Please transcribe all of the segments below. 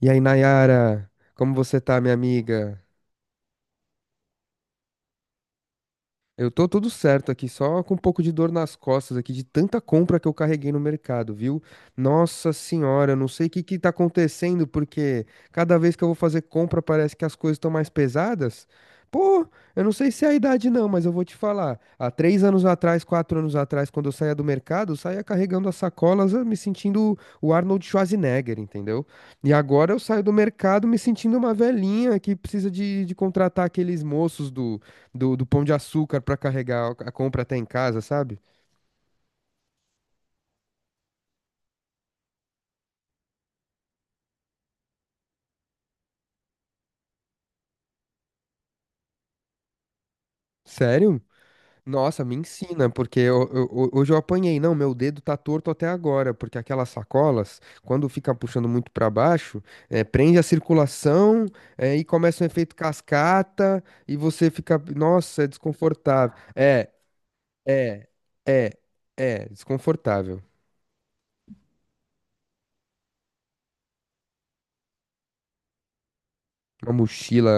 E aí, Nayara, como você tá, minha amiga? Eu tô tudo certo aqui, só com um pouco de dor nas costas aqui, de tanta compra que eu carreguei no mercado, viu? Nossa senhora, eu não sei o que que tá acontecendo, porque cada vez que eu vou fazer compra parece que as coisas estão mais pesadas. Pô, eu não sei se é a idade não, mas eu vou te falar. Há três anos atrás, quatro anos atrás, quando eu saía do mercado, eu saía carregando as sacolas, me sentindo o Arnold Schwarzenegger, entendeu? E agora eu saio do mercado me sentindo uma velhinha que precisa de contratar aqueles moços do Pão de Açúcar pra carregar a compra até em casa, sabe? Sério? Nossa, me ensina, porque hoje eu apanhei. Não, meu dedo tá torto até agora, porque aquelas sacolas, quando fica puxando muito pra baixo, prende a circulação, e começa um efeito cascata, e você fica. Nossa, é desconfortável. É, é, é, é, desconfortável. Uma mochila,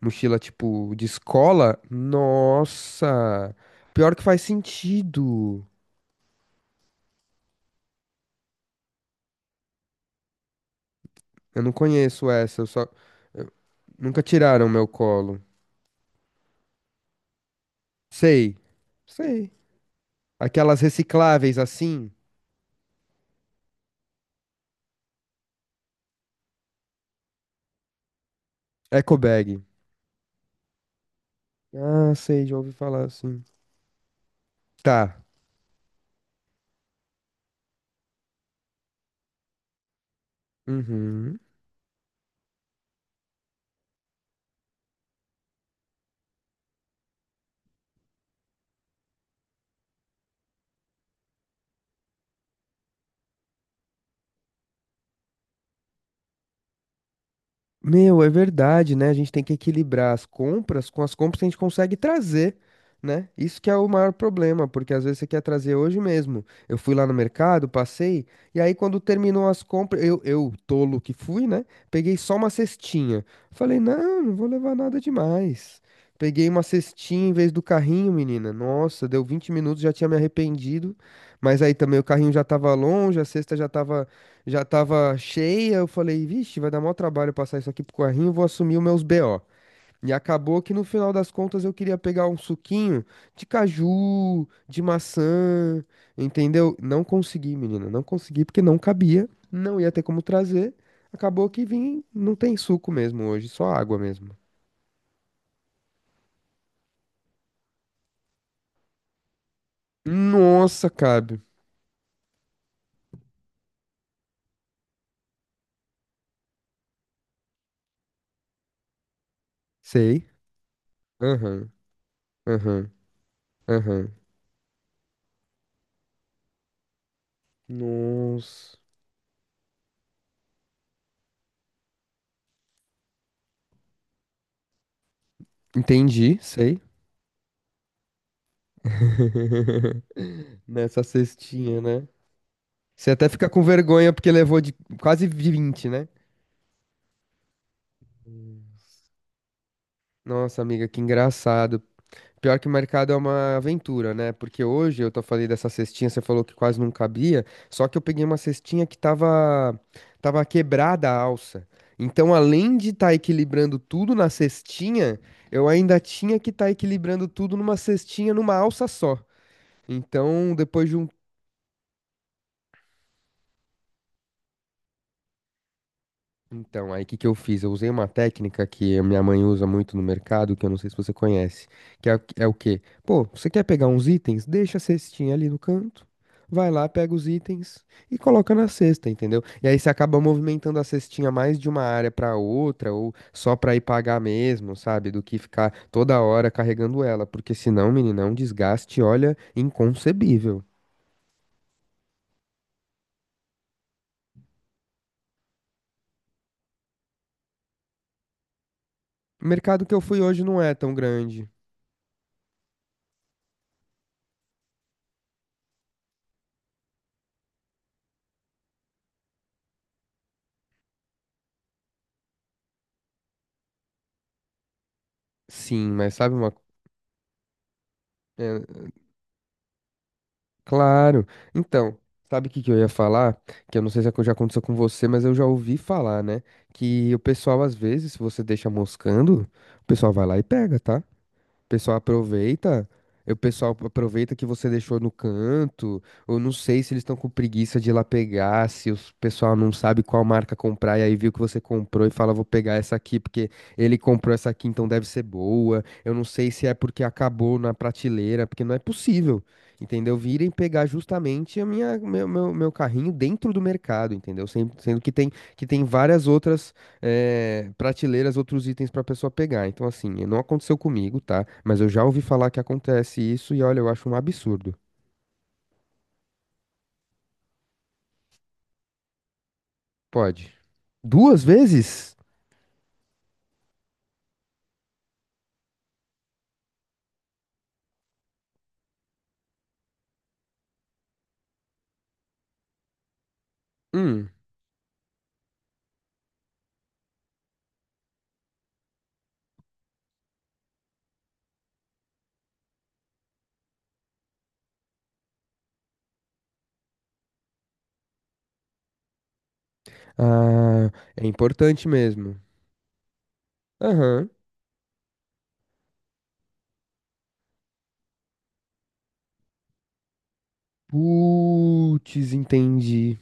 mochila tipo de escola? Nossa, pior que faz sentido. Eu não conheço essa, eu só. eu- Nunca tiraram meu colo. Sei, sei. Aquelas recicláveis assim, eco bag. Ah, sei, já ouvi falar assim. Tá. Uhum. Meu, é verdade, né? A gente tem que equilibrar as compras com as compras que a gente consegue trazer, né? Isso que é o maior problema, porque às vezes você quer trazer hoje mesmo. Eu fui lá no mercado, passei, e aí quando terminou as compras, eu, tolo que fui, né? Peguei só uma cestinha. Falei, não, não vou levar nada demais. Peguei uma cestinha em vez do carrinho, menina. Nossa, deu 20 minutos, já tinha me arrependido. Mas aí também o carrinho já tava longe, a cesta já tava cheia. Eu falei, vixe, vai dar maior trabalho passar isso aqui pro carrinho, vou assumir os meus BO. E acabou que no final das contas eu queria pegar um suquinho de caju, de maçã, entendeu? Não consegui, menina, não consegui porque não cabia, não ia ter como trazer. Acabou que vim, não tem suco mesmo hoje, só água mesmo. Nossa, cabe. Sei. Aham, aham, aham. Nossa. Entendi, sei. Nessa cestinha, né? Você até fica com vergonha porque levou de quase 20, né? Nossa, amiga, que engraçado. Pior que o mercado é uma aventura, né? Porque hoje eu tô falando dessa cestinha, você falou que quase não cabia, só que eu peguei uma cestinha que tava quebrada a alça. Então, além de estar equilibrando tudo na cestinha, eu ainda tinha que estar equilibrando tudo numa cestinha, numa alça só. Então, depois de um. Então, aí o que que eu fiz? Eu usei uma técnica que a minha mãe usa muito no mercado, que eu não sei se você conhece, que é, é o quê? Pô, você quer pegar uns itens? Deixa a cestinha ali no canto, vai lá, pega os itens e coloca na cesta, entendeu? E aí você acaba movimentando a cestinha mais de uma área para outra, ou só para ir pagar mesmo, sabe? Do que ficar toda hora carregando ela, porque senão, menina, é um desgaste, olha, inconcebível. O mercado que eu fui hoje não é tão grande. Sim, mas sabe uma coisa? Claro. Então, sabe o que que eu ia falar? Que eu não sei se já aconteceu com você, mas eu já ouvi falar, né? Que o pessoal, às vezes, se você deixa moscando, o pessoal vai lá e pega, tá? O pessoal aproveita, o pessoal aproveita que você deixou no canto. Eu não sei se eles estão com preguiça de ir lá pegar, se o pessoal não sabe qual marca comprar e aí viu que você comprou e fala, vou pegar essa aqui porque ele comprou essa aqui, então deve ser boa. Eu não sei se é porque acabou na prateleira, porque não é possível, entendeu? Virem pegar justamente a minha, meu carrinho dentro do mercado, entendeu? Sendo que tem, várias outras prateleiras, outros itens pra pessoa pegar. Então, assim, não aconteceu comigo, tá? Mas eu já ouvi falar que acontece isso e olha, eu acho um absurdo. Pode. Duas vezes? Hum. Ah, é importante mesmo. Aham. Putz, entendi.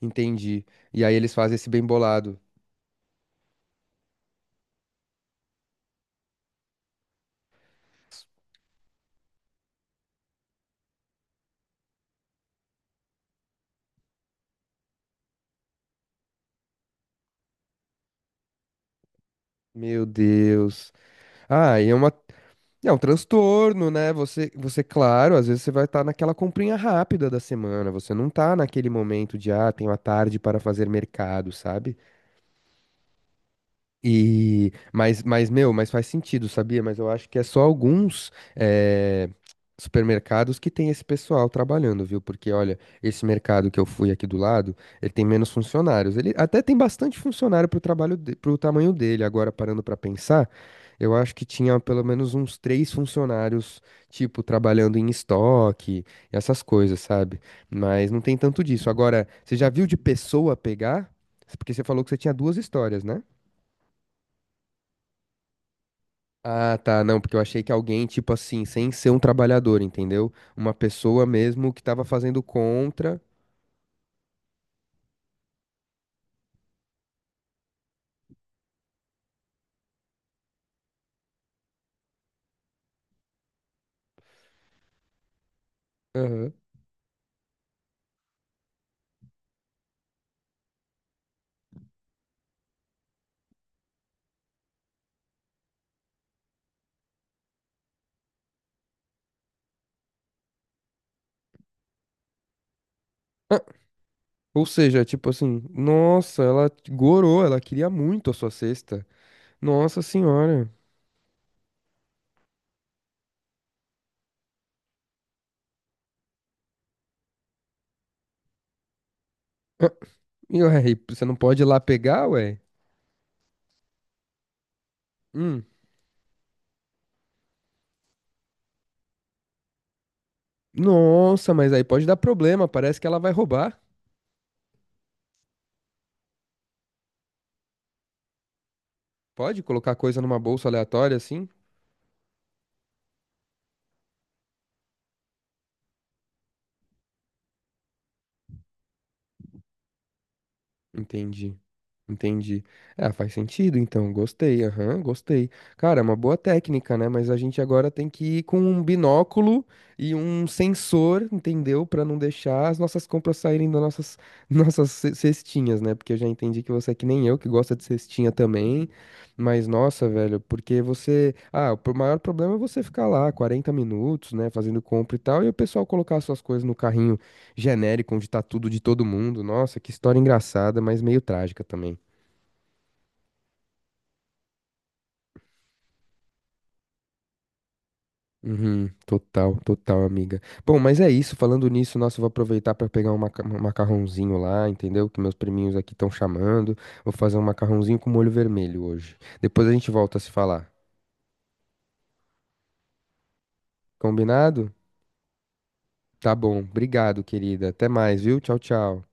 Entendi. E aí eles fazem esse bem bolado. Meu Deus. Ah, e é uma. É um transtorno, né? Você, claro, às vezes você vai estar naquela comprinha rápida da semana, você não tá naquele momento de, ah, tenho a tarde para fazer mercado, sabe? E, mas, meu, mas faz sentido, sabia? Mas eu acho que é só alguns supermercados que tem esse pessoal trabalhando, viu? Porque, olha, esse mercado que eu fui aqui do lado, ele tem menos funcionários. Ele até tem bastante funcionário pro trabalho, pro tamanho dele. Agora, parando pra pensar, eu acho que tinha pelo menos uns três funcionários, tipo, trabalhando em estoque, essas coisas, sabe? Mas não tem tanto disso. Agora, você já viu de pessoa pegar? Porque você falou que você tinha duas histórias, né? Ah, tá, não, porque eu achei que alguém, tipo assim, sem ser um trabalhador, entendeu? Uma pessoa mesmo que tava fazendo contra. Aham. Ah, ou seja, tipo assim, nossa, ela gorou, ela queria muito a sua cesta. Nossa senhora. Ah, e ué, e você não pode ir lá pegar, ué? Hum. Nossa, mas aí pode dar problema, parece que ela vai roubar. Pode colocar coisa numa bolsa aleatória assim? Entendi. Entendi. Ah, faz sentido, então. Gostei, aham, gostei. Cara, é uma boa técnica, né? Mas a gente agora tem que ir com um binóculo e um sensor, entendeu? Pra não deixar as nossas compras saírem das nossas, nossas cestinhas, né? Porque eu já entendi que você é que nem eu, que gosta de cestinha também. Mas, nossa, velho, porque você. Ah, o maior problema é você ficar lá 40 minutos, né? Fazendo compra e tal, e o pessoal colocar suas coisas no carrinho genérico, onde tá tudo de todo mundo. Nossa, que história engraçada, mas meio trágica também. Uhum, total, total, amiga. Bom, mas é isso. Falando nisso, nossa, eu vou aproveitar para pegar um um macarrãozinho lá, entendeu? Que meus priminhos aqui estão chamando. Vou fazer um macarrãozinho com molho vermelho hoje. Depois a gente volta a se falar. Combinado? Tá bom. Obrigado, querida. Até mais, viu? Tchau, tchau.